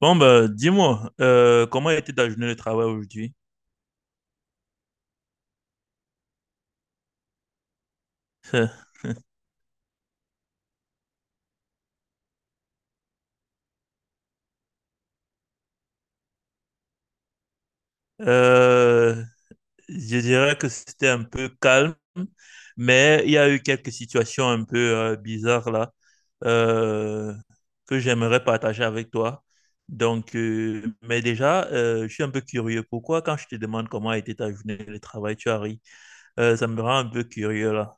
Bon, bah, dis-moi, comment a été ta journée de travail aujourd'hui? Euh, je dirais que c'était un peu calme, mais il y a eu quelques situations un peu bizarres là euh, que j'aimerais partager avec toi. Donc, mais déjà, je suis un peu curieux. Pourquoi, quand je te demande comment a été ta journée de travail, tu as ri? Ça me rend un peu curieux là.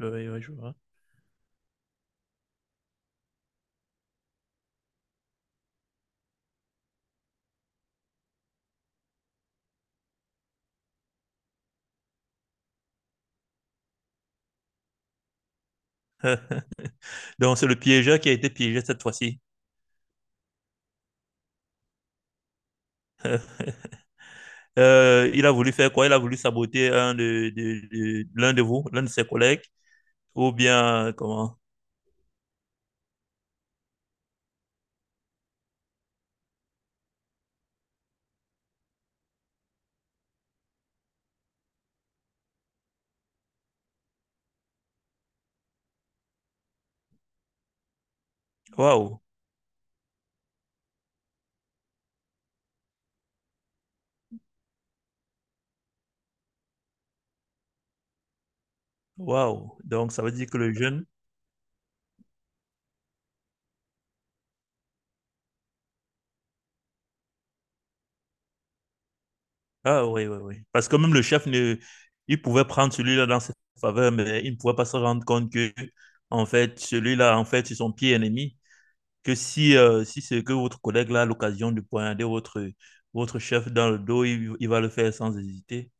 Ouais, ouais, je vois. Donc, c'est le piégeur qui a été piégé cette fois-ci. Il a voulu faire quoi? Il a voulu saboter un de- l'un de vous, l'un de ses collègues, ou bien comment? Waouh, waouh. Donc ça veut dire que le jeune. Ah oui, oui, oui. Parce que même le chef ne, il pouvait prendre celui-là dans ses faveurs, mais il ne pouvait pas se rendre compte que en fait celui-là, en fait, c'est son pied ennemi. Que si, si c'est que votre collègue là a l'occasion de poignarder votre chef dans le dos, il va le faire sans hésiter.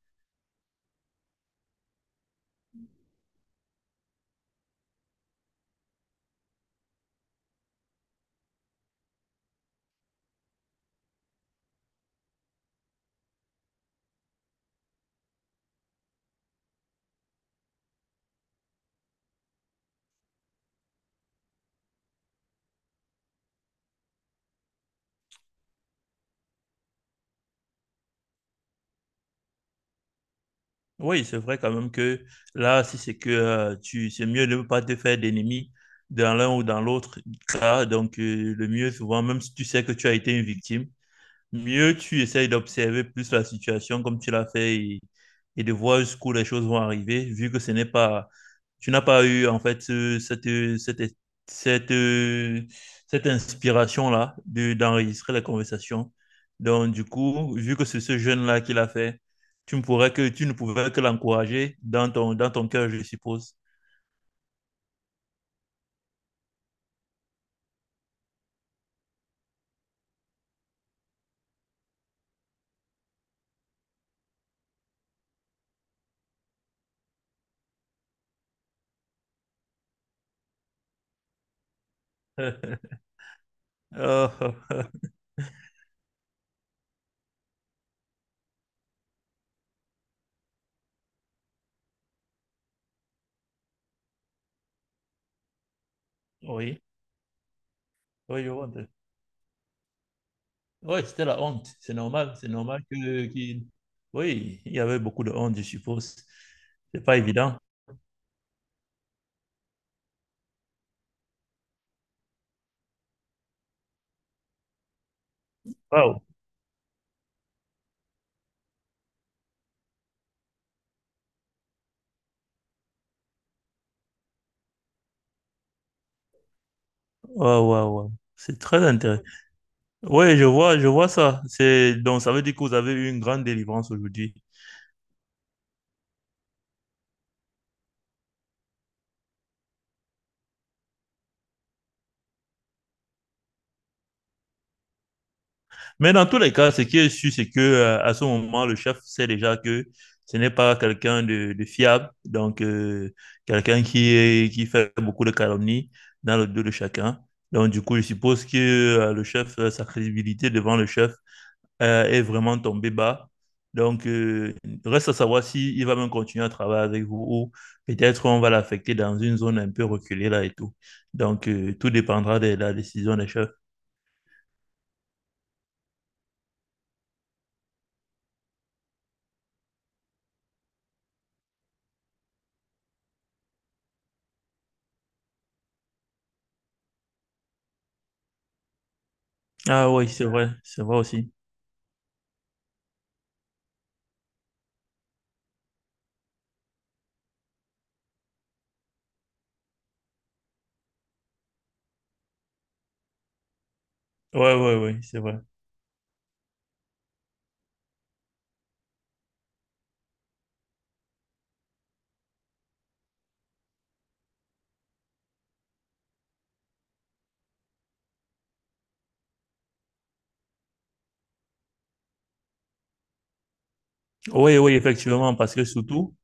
Oui, c'est vrai quand même que là, si c'est que tu, c'est mieux de ne pas te faire d'ennemis dans l'un ou dans l'autre cas. Donc, le mieux, souvent, même si tu sais que tu as été une victime, mieux tu essayes d'observer plus la situation comme tu l'as fait et, de voir jusqu'où les choses vont arriver, vu que ce n'est pas, tu n'as pas eu en fait cette, cette, cette, cette inspiration-là de, d'enregistrer la conversation. Donc, du coup, vu que c'est ce jeune-là qui l'a fait, tu ne pouvais que l'encourager dans ton cœur, je suppose. Euh, oui, oui, je vois. Ouais, c'était la honte. C'est normal. Oui, il y avait beaucoup de honte, je suppose. C'est pas évident. Waouh. Waouh, waouh, waouh. C'est très intéressant. Oui, je vois ça. C'est, donc, ça veut dire que vous avez eu une grande délivrance aujourd'hui. Mais dans tous les cas, ce qui est sûr, c'est que, à ce moment, le chef sait déjà que ce n'est pas quelqu'un de fiable. Donc, quelqu'un qui est, qui fait beaucoup de calomnies dans le dos de chacun. Donc, du coup, je suppose que, le chef, sa crédibilité devant le chef, est vraiment tombé bas. Donc, reste à savoir s'il va même continuer à travailler avec vous ou peut-être on va l'affecter dans une zone un peu reculée là et tout. Donc, tout dépendra de la décision des chefs. Ah oui, c'est vrai aussi. Oui, oui, oui, c'est vrai. Oui, oui, effectivement, parce que surtout,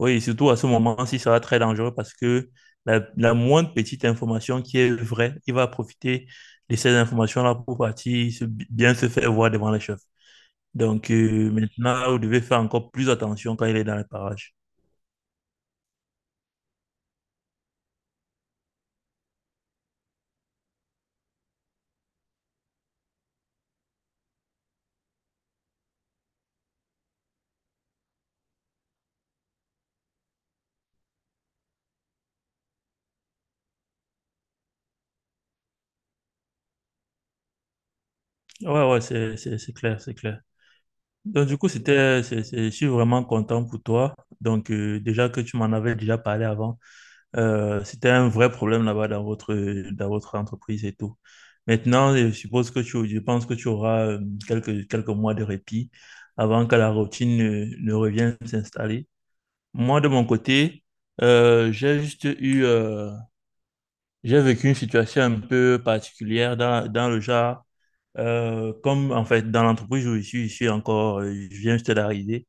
oui, surtout à ce moment-ci, ça va être très dangereux parce que la moindre petite information qui est vraie, il va profiter de ces informations-là pour partir bien se faire voir devant les chefs. Donc maintenant, vous devez faire encore plus attention quand il est dans les parages. Ouais, ouais, c'est clair, c'est clair. Donc du coup, je suis vraiment content pour toi. Donc déjà que tu m'en avais déjà parlé avant, c'était un vrai problème là-bas dans votre entreprise et tout. Maintenant, je pense que tu auras quelques, quelques mois de répit avant que la routine ne, ne revienne s'installer. Moi, de mon côté, j'ai juste eu... j'ai vécu une situation un peu particulière dans, dans le genre, comme en fait dans l'entreprise où je suis encore, je viens juste d'arriver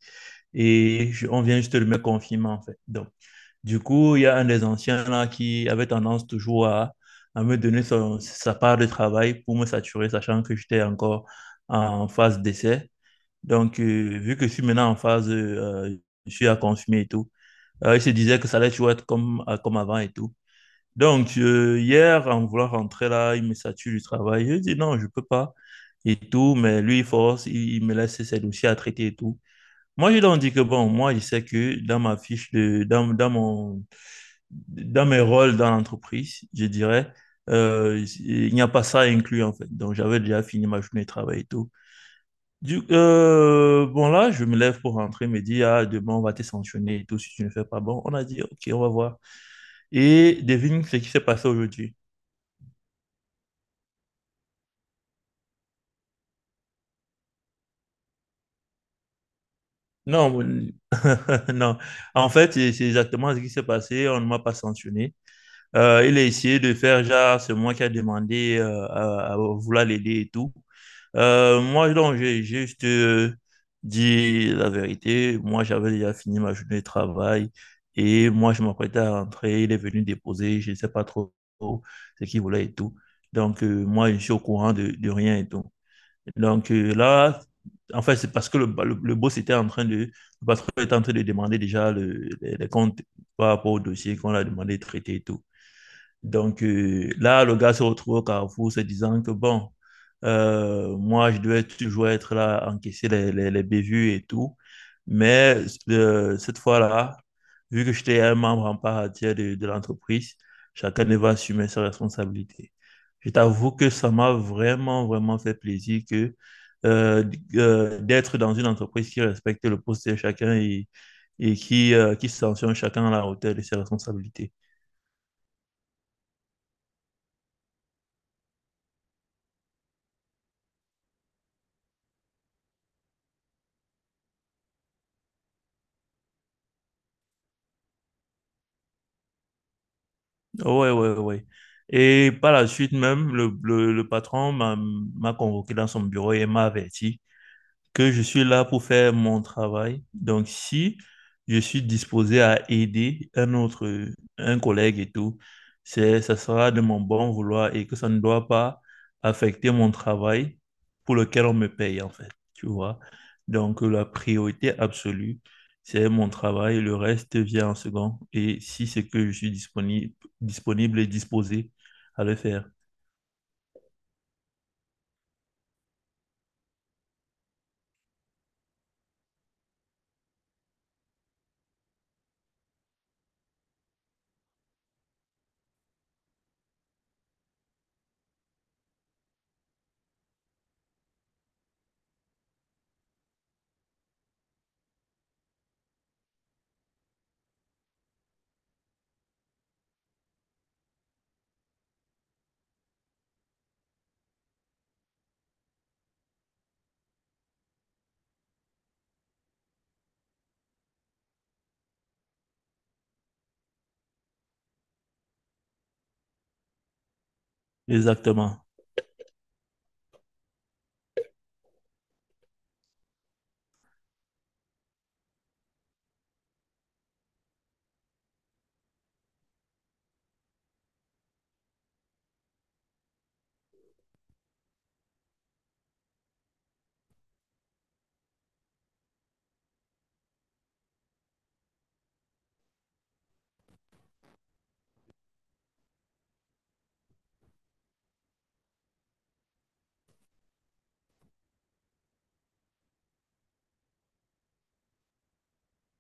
et on vient juste de me confirmer en fait. Donc, du coup, il y a un des anciens là qui avait tendance toujours à me donner sa part de travail pour me saturer, sachant que j'étais encore en phase d'essai. Donc, vu que je suis maintenant en phase, je suis à confirmer et tout, il se disait que ça allait toujours être comme, comme avant et tout. Donc, hier, en voulant rentrer là, il me sature du travail. Je dis non, je peux pas et tout, mais lui, il force, il me laisse ses dossiers à traiter et tout. Moi, je leur dis que bon, moi, je sais que dans ma fiche de, dans, dans mon, dans mes rôles dans l'entreprise, je dirais, il n'y a pas ça inclus, en fait. Donc, j'avais déjà fini ma journée de travail et tout. Bon, là, je me lève pour rentrer, il me dit, ah, demain, on va te sanctionner et tout si tu ne fais pas bon. On a dit, OK, on va voir. Et devine ce qui s'est passé aujourd'hui. Non, non. En fait, c'est exactement ce qui s'est passé. On ne m'a pas sanctionné. Il a essayé de faire genre, c'est moi qui a demandé à vouloir l'aider et tout. Moi, donc, j'ai juste dit la vérité. Moi, j'avais déjà fini ma journée de travail et moi, je m'apprêtais à rentrer. Il est venu déposer, je ne sais pas trop ce qu'il voulait et tout. Donc, moi, je suis au courant de rien et tout. Donc là, en fait, c'est parce que le boss était en train de, le patron était en train de demander déjà les comptes par rapport au dossier qu'on a demandé de traiter et tout. Donc là, le gars se retrouve au carrefour se disant que bon, moi, je devais toujours être là, encaisser les bévues et tout. Mais cette fois-là, vu que j'étais un membre en part entière de l'entreprise, chacun devait assumer ses responsabilités. Je t'avoue que ça m'a vraiment, vraiment fait plaisir que euh, d'être dans une entreprise qui respecte le poste de chacun et qui sanctionne chacun à la hauteur de ses responsabilités. Ouais, ouais, ouais. Ouais. Et par la suite même, le patron m'a convoqué dans son bureau et m'a averti. Que je suis là pour faire mon travail. Donc, si je suis disposé à aider un autre, un collègue et tout, ça sera de mon bon vouloir et que ça ne doit pas affecter mon travail pour lequel on me paye, en fait. Tu vois? Donc, la priorité absolue, c'est mon travail. Le reste vient en second. Et si c'est que je suis disponible, disponible et disposé à le faire. Exactement.